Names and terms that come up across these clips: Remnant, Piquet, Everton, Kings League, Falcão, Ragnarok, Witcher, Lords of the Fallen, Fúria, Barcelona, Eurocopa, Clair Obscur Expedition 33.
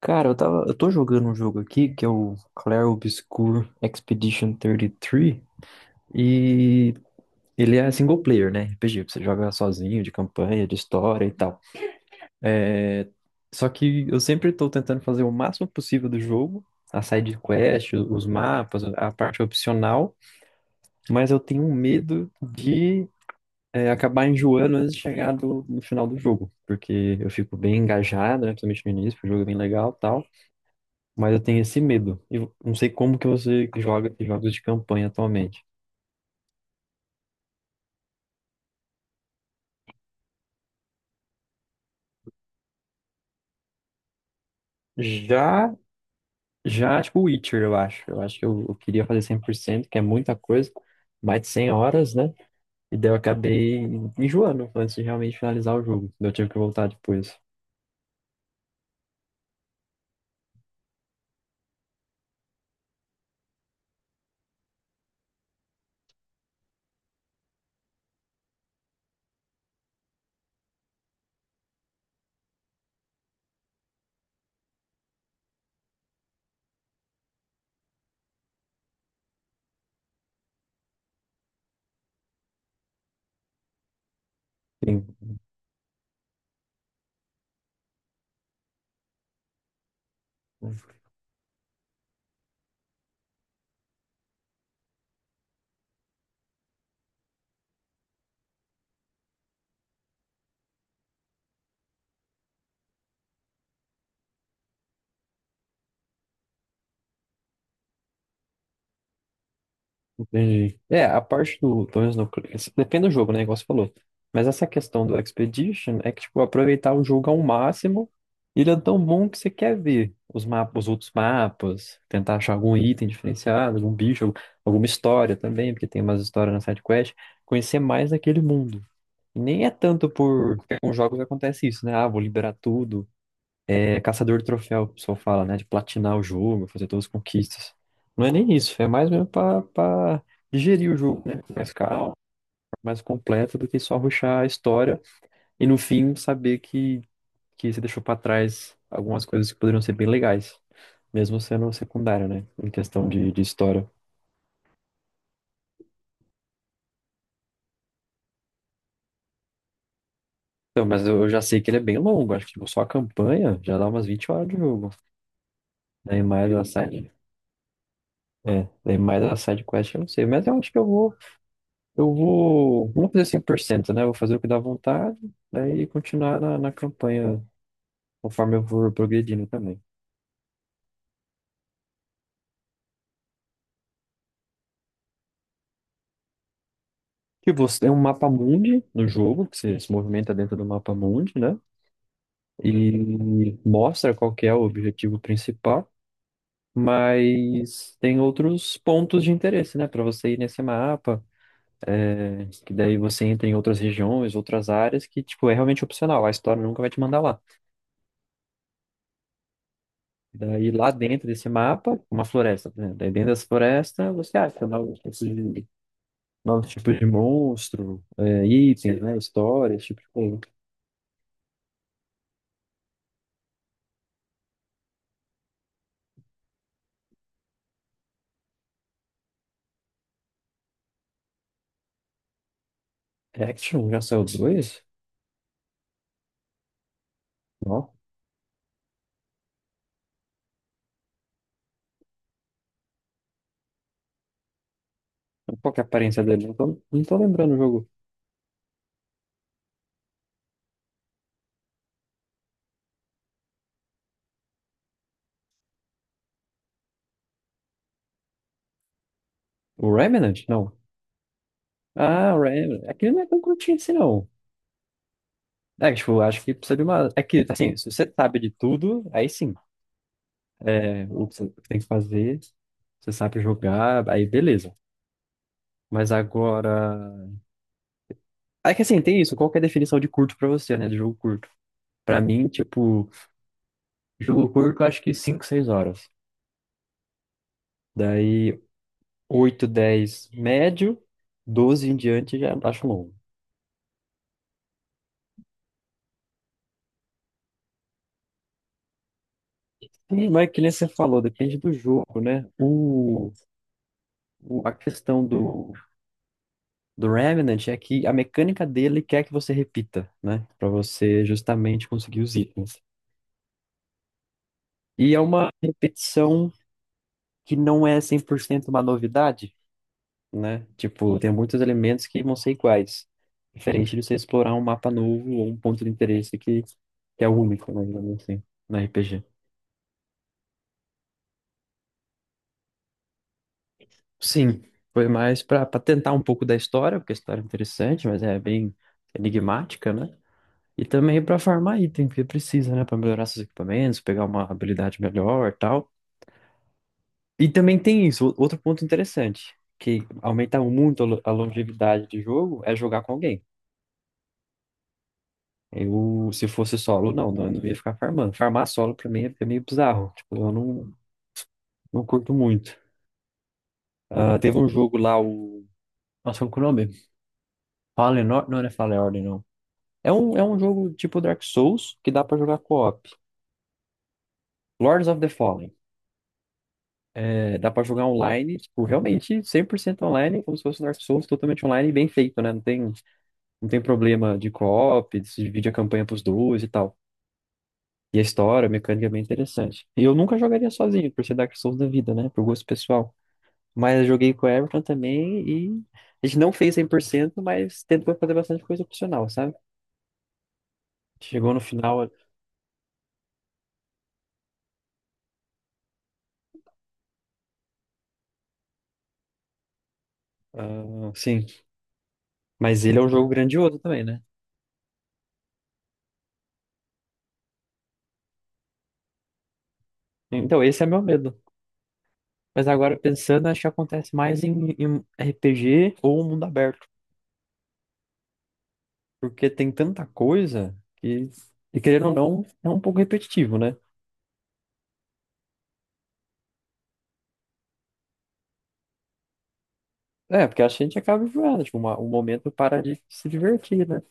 Cara, eu tô jogando um jogo aqui que é o Clair Obscur Expedition 33 e três e ele é single player, né? RPG, você joga sozinho, de campanha, de história e tal. É, só que eu sempre tô tentando fazer o máximo possível do jogo, a side quest, os mapas, a parte opcional, mas eu tenho um medo de acabar enjoando antes de chegar no final do jogo, porque eu fico bem engajado, né? Principalmente no início, porque o jogo é bem legal e tal. Mas eu tenho esse medo. Eu não sei como que você joga jogos de campanha atualmente. Já, já, tipo, Witcher, eu acho. Eu acho que eu queria fazer 100%, que é muita coisa, mais de 100 horas, né? E daí eu acabei enjoando antes de realmente finalizar o jogo. Daí eu tive que voltar depois. Sim. Entendi. É, a parte do, pelo menos no, isso depende do jogo, né, igual você falou. Mas essa questão do Expedition é que, tipo, aproveitar o jogo ao máximo, ele é tão bom que você quer ver os mapas, os outros mapas, tentar achar algum item diferenciado, algum bicho, alguma história também, porque tem umas histórias na side quest, conhecer mais daquele mundo. E nem é tanto porque com jogos acontece isso, né? Ah, vou liberar tudo, é caçador de troféu, o pessoal fala, né? De platinar o jogo, fazer todas as conquistas. Não é nem isso, é mais mesmo pra digerir o jogo, né? Com mais calmo, mais completo do que só rushar a história e no fim saber que você deixou pra trás algumas coisas que poderiam ser bem legais, mesmo sendo secundário, né? Em questão de história. Então, mas eu já sei que ele é bem longo, acho que tipo, só a campanha já dá umas 20 horas de jogo. Daí mais a side. É, daí mais a side quest eu não sei, mas eu acho que eu vou. Eu vou, não vou fazer 100%, né? Vou fazer o que dá vontade, daí continuar na campanha conforme eu for progredindo também. Que você tem um mapa mundi no jogo, que você se movimenta dentro do mapa mundi, né? E mostra qual que é o objetivo principal, mas tem outros pontos de interesse, né? Para você ir nesse mapa, é, que daí você entra em outras regiões, outras áreas, que, tipo, é realmente opcional. A história nunca vai te mandar lá. Daí lá dentro desse mapa, uma floresta, por exemplo. Daí dentro dessa floresta você acha novos tipos de monstro, é, itens, né? Histórias, tipo de coisa. Reaction já saiu dois? Não. Qual que é a aparência dele? Não tô lembrando o jogo. O Remnant? Não. Ah, o Remnant. Aquele não é tão curtinho assim, não. É, tipo, acho que precisa de uma. É que, assim, se você sabe de tudo, aí sim. É, o que você tem que fazer, você sabe jogar, aí beleza. Mas agora. É que assim, tem isso. Qual que é a definição de curto pra você, né? De jogo curto. Pra mim, tipo, jogo curto, eu acho que cinco, seis horas. Daí, 8, 10, médio. Doze em diante, já acho longo. Sim, mas que nem você falou, depende do jogo, né? A questão do Remnant é que a mecânica dele quer que você repita, né? Pra você justamente conseguir os itens. E é uma repetição que não é 100% uma novidade, né? Tipo, tem muitos elementos que vão ser iguais. Diferente de você explorar um mapa novo ou um ponto de interesse que é único, né? Digamos assim, na RPG. Sim, foi mais para tentar um pouco da história, porque a história é interessante, mas é bem enigmática, né? E também para farmar item, porque precisa, né? Para melhorar seus equipamentos, pegar uma habilidade melhor e tal. E também tem isso, outro ponto interessante, que aumenta muito a a longevidade de jogo, é jogar com alguém. Eu, se fosse solo, eu não ia ficar farmando. Farmar solo pra mim é meio bizarro. Tipo, eu não, não curto muito. Ah, teve um jogo lá, o. Nossa, qual que é o nome? Não, não é Fallen Order, não. É é um jogo tipo Dark Souls que dá pra jogar co-op. Lords of the Fallen. É, dá pra jogar online, tipo, realmente 100% online, como se fosse um Dark Souls totalmente online e bem feito, né? Não tem problema de co-op, se divide a campanha pros dois e tal. E a história, a mecânica é bem interessante. E eu nunca jogaria sozinho, por ser Dark Souls da vida, né? Por gosto pessoal. Mas eu joguei com o Everton também e a gente não fez 100%, mas tentou fazer bastante coisa opcional, sabe? Chegou no final, ah, sim. Mas ele é um jogo grandioso também, né? Então, esse é meu medo. Mas agora, pensando, acho que acontece mais em RPG ou mundo aberto. Porque tem tanta coisa que, e querendo ou não, é um pouco repetitivo, né? É, porque acho que a gente acaba enjoando, tipo, um momento para de se divertir, né?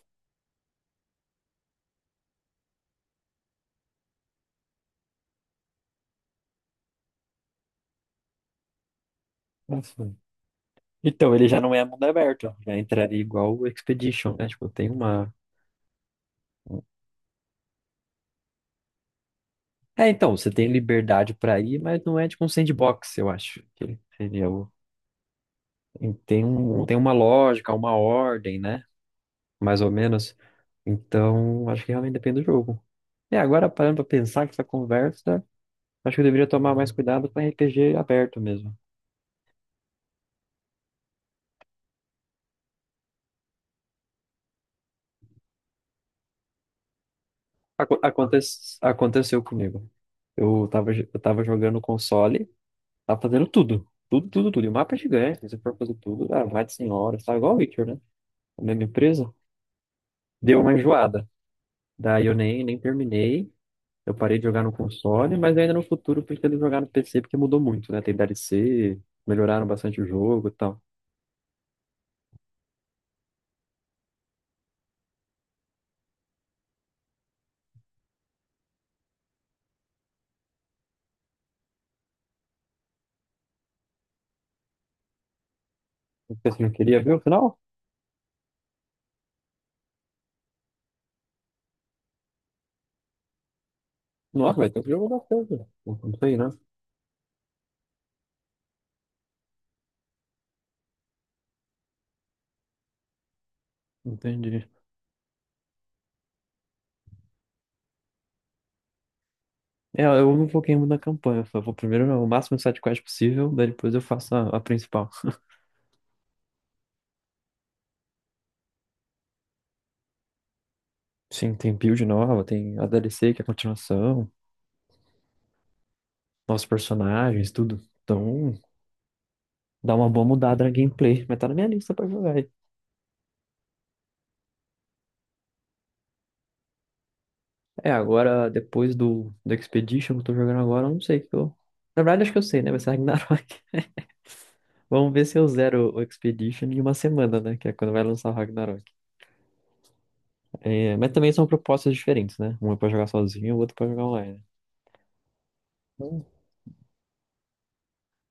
Assim. Então, ele já não é mundo aberto, já entraria igual o Expedition, né? Tipo, tem uma. É, então, você tem liberdade pra ir, mas não é tipo um sandbox, eu acho. Que seria o... tem um... tem uma lógica, uma ordem, né? Mais ou menos. Então, acho que realmente depende do jogo. E agora, parando pra pensar que essa conversa, acho que eu deveria tomar mais cuidado com RPG aberto mesmo. Aco- aconte- Aconteceu comigo. Eu tava jogando console. Tá fazendo tudo. Tudo, tudo, tudo. E o mapa é gigante, né? Se você for fazer tudo, dá mais de 100 horas. Tá igual o Witcher, né? A mesma empresa. Deu uma enjoada. Daí eu nem terminei. Eu parei de jogar no console, mas ainda no futuro eu pretendo jogar no PC, porque mudou muito, né? Tem DLC, melhoraram bastante o jogo e tal. Você não queria ver o final? Nossa, vai ter um jogo bastante. Não sei, né? Entendi. É, eu não foquei muito na campanha, eu só vou primeiro o máximo de sidequest possível, daí depois eu faço a principal. Sim, tem build nova, tem a DLC que é a continuação. Novos personagens, tudo. Então, dá uma boa mudada na gameplay. Mas tá na minha lista pra jogar. Aí. É, agora, depois do Expedition que eu tô jogando agora, eu não sei o que eu. Na verdade, acho que eu sei, né? Vai ser Ragnarok. Vamos ver se eu zero o Expedition em uma semana, né? Que é quando vai lançar o Ragnarok. É, mas também são propostas diferentes, né? Um é pra jogar sozinho, o outro pra jogar online. Hum.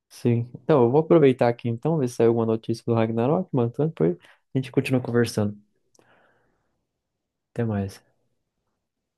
Sim. Então, eu vou aproveitar aqui então, ver se saiu alguma notícia do Ragnarok, mano. Então, depois a gente continua conversando. Até mais.